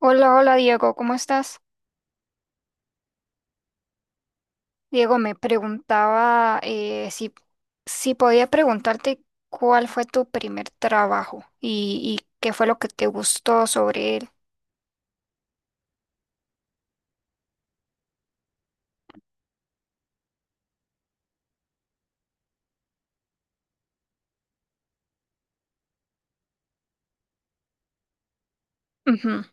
Hola, hola Diego, ¿cómo estás? Diego, me preguntaba si, si podía preguntarte cuál fue tu primer trabajo y qué fue lo que te gustó sobre él. Ujú.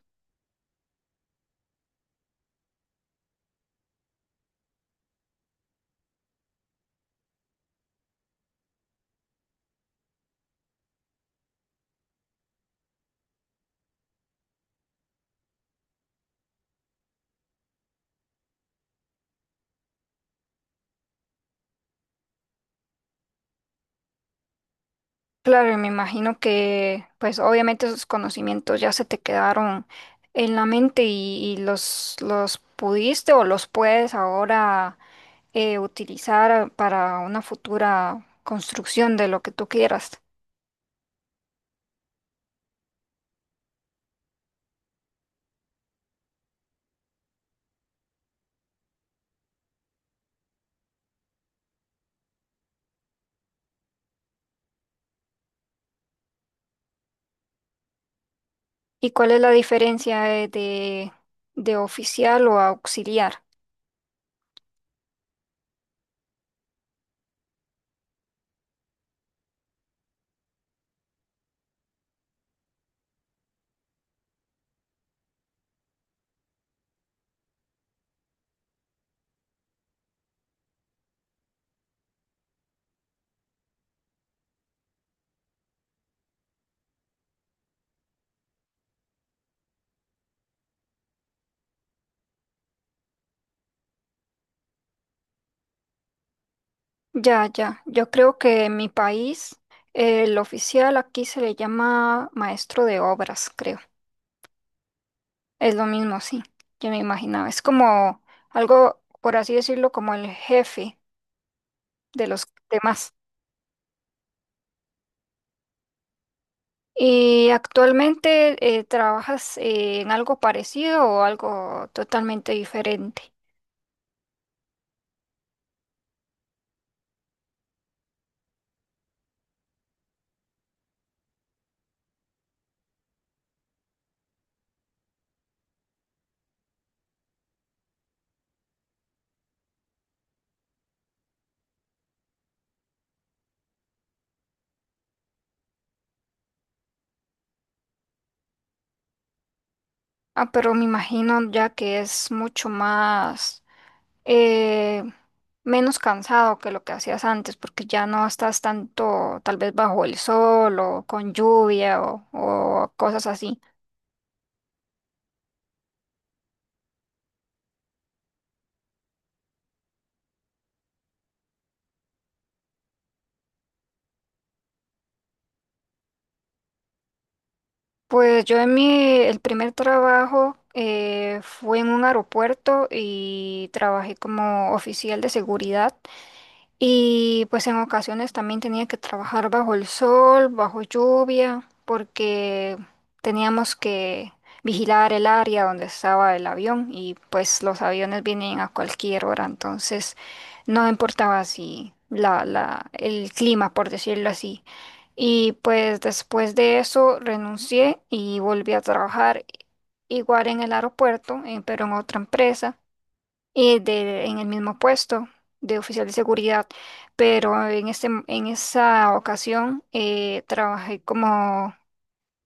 Claro, y me imagino que pues obviamente esos conocimientos ya se te quedaron en la mente y los pudiste o los puedes ahora utilizar para una futura construcción de lo que tú quieras. ¿Y cuál es la diferencia de oficial o auxiliar? Ya, ya. Yo creo que en mi país el oficial aquí se le llama maestro de obras, creo. Es lo mismo, sí. Yo me imaginaba. Es como algo, por así decirlo, como el jefe de los demás. ¿Y actualmente trabajas en algo parecido o algo totalmente diferente? Ah, pero me imagino ya que es mucho más eh, menos cansado que lo que hacías antes, porque ya no estás tanto tal vez bajo el sol o con lluvia o cosas así. Pues yo el primer trabajo fue en un aeropuerto y trabajé como oficial de seguridad. Y pues en ocasiones también tenía que trabajar bajo el sol, bajo lluvia, porque teníamos que vigilar el área donde estaba el avión y pues los aviones vienen a cualquier hora, entonces no importaba si el clima, por decirlo así. Y pues después de eso renuncié y volví a trabajar igual en el aeropuerto, pero en otra empresa en el mismo puesto de oficial de seguridad, pero en esa ocasión trabajé como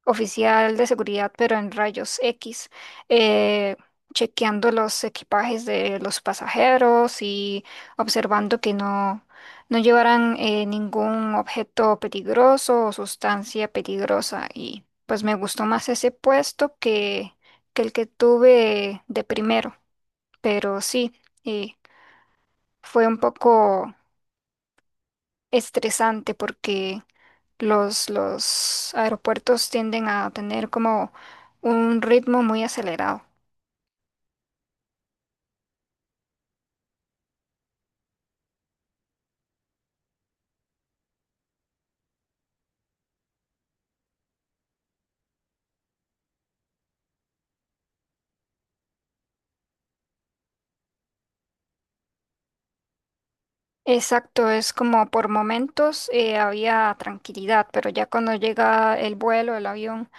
oficial de seguridad, pero en rayos X. eh, Chequeando los equipajes de los pasajeros y observando que no llevaran ningún objeto peligroso o sustancia peligrosa. Y pues me gustó más ese puesto que el que tuve de primero, pero sí. eh, Fue un poco estresante porque los aeropuertos tienden a tener como un ritmo muy acelerado. Exacto, es como por momentos había tranquilidad, pero ya cuando llega el vuelo, el avión,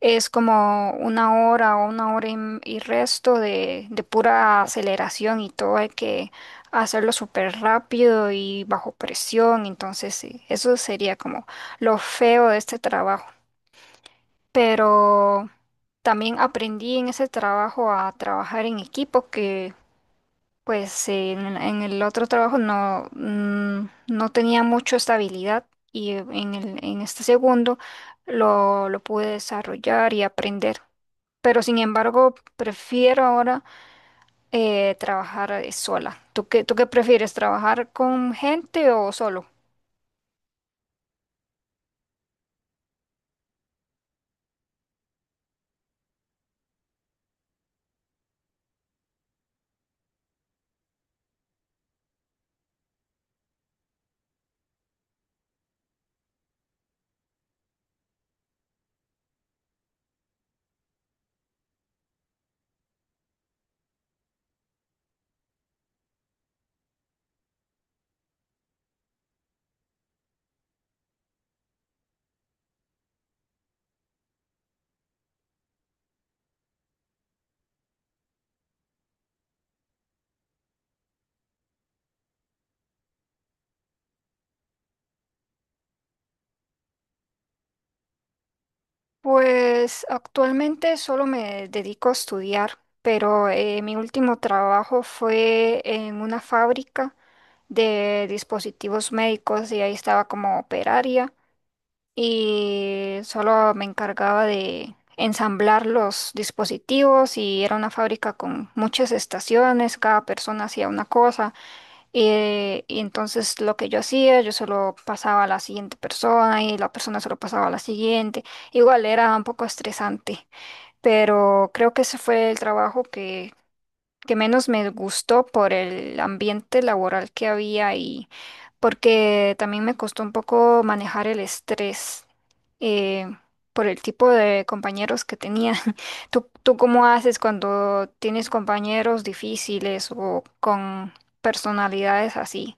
es como una hora o una hora y resto de pura aceleración y todo hay que hacerlo súper rápido y bajo presión, entonces sí, eso sería como lo feo de este trabajo. Pero también aprendí en ese trabajo a trabajar en equipo que pues en el otro trabajo no, no tenía mucho estabilidad y en este segundo lo pude desarrollar y aprender. Pero sin embargo, prefiero ahora trabajar sola. Tú qué prefieres, trabajar con gente o solo? Pues actualmente solo me dedico a estudiar, pero mi último trabajo fue en una fábrica de dispositivos médicos y ahí estaba como operaria y solo me encargaba de ensamblar los dispositivos, y era una fábrica con muchas estaciones, cada persona hacía una cosa. Y entonces lo que yo hacía, yo solo pasaba a la siguiente persona y la persona solo pasaba a la siguiente. Igual era un poco estresante, pero creo que ese fue el trabajo que menos me gustó por el ambiente laboral que había y porque también me costó un poco manejar el estrés eh, por el tipo de compañeros que tenía. ¿Tú, tú cómo haces cuando tienes compañeros difíciles o con personalidades así?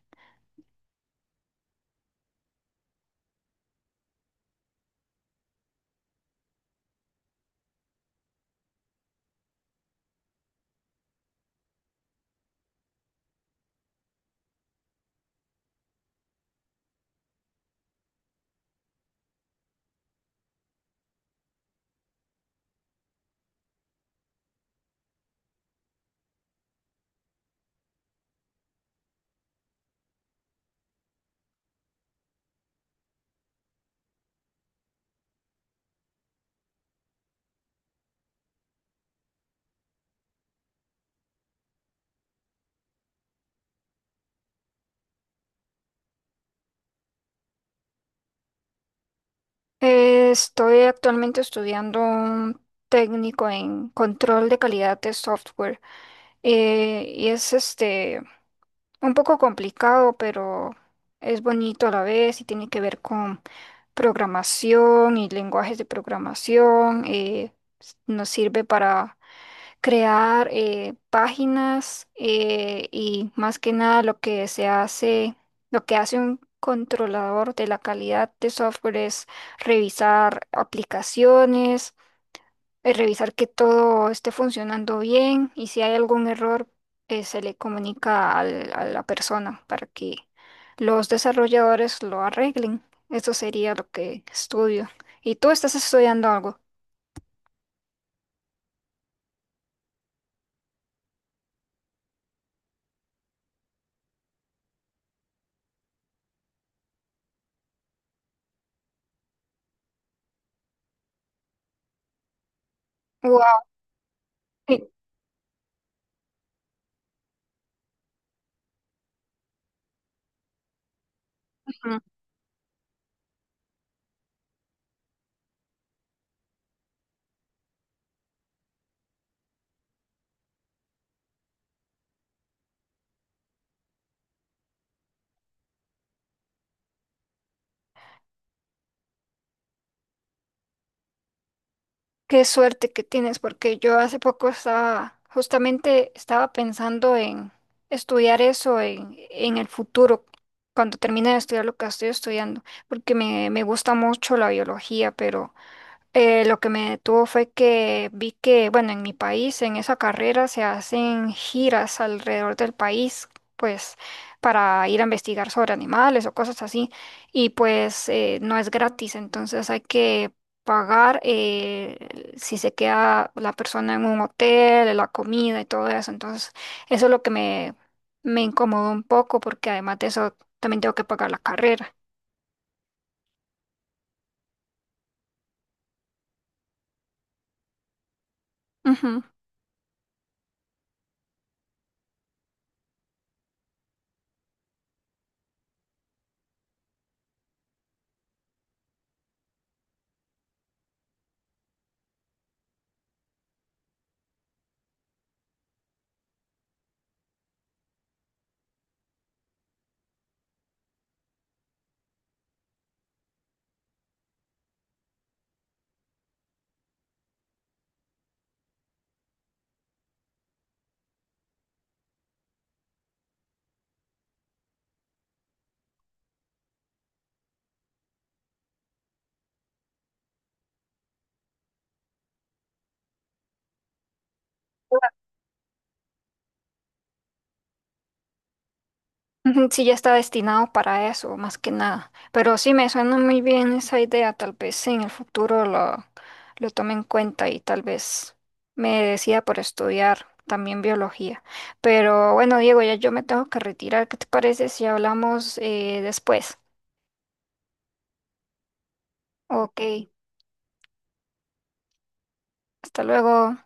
Estoy actualmente estudiando un técnico en control de calidad de software, y es este un poco complicado, pero es bonito a la vez y tiene que ver con programación y lenguajes de programación. Nos sirve para crear páginas. Y más que nada lo que se hace, lo que hace un controlador de la calidad de software es revisar aplicaciones, revisar que todo esté funcionando bien y si hay algún error se le comunica a la persona para que los desarrolladores lo arreglen. Eso sería lo que estudio. ¿Y tú estás estudiando algo? Wow. Qué suerte que tienes, porque yo hace poco estaba, justamente estaba pensando en estudiar eso en el futuro, cuando termine de estudiar lo que estoy estudiando, porque me gusta mucho la biología, pero lo que me detuvo fue que vi que, bueno, en mi país, en esa carrera se hacen giras alrededor del país, pues para ir a investigar sobre animales o cosas así, y pues no es gratis, entonces hay que pagar si se queda la persona en un hotel, la comida y todo eso, entonces eso es lo que me incomodó un poco porque además de eso también tengo que pagar la carrera. Ujú. Ujú. Sí, ya está destinado para eso, más que nada. Pero sí, me suena muy bien esa idea. Tal vez en el futuro lo tome en cuenta y tal vez me decida por estudiar también biología. Pero bueno, Diego, ya yo me tengo que retirar. ¿Qué te parece si hablamos después? Ok, hasta luego.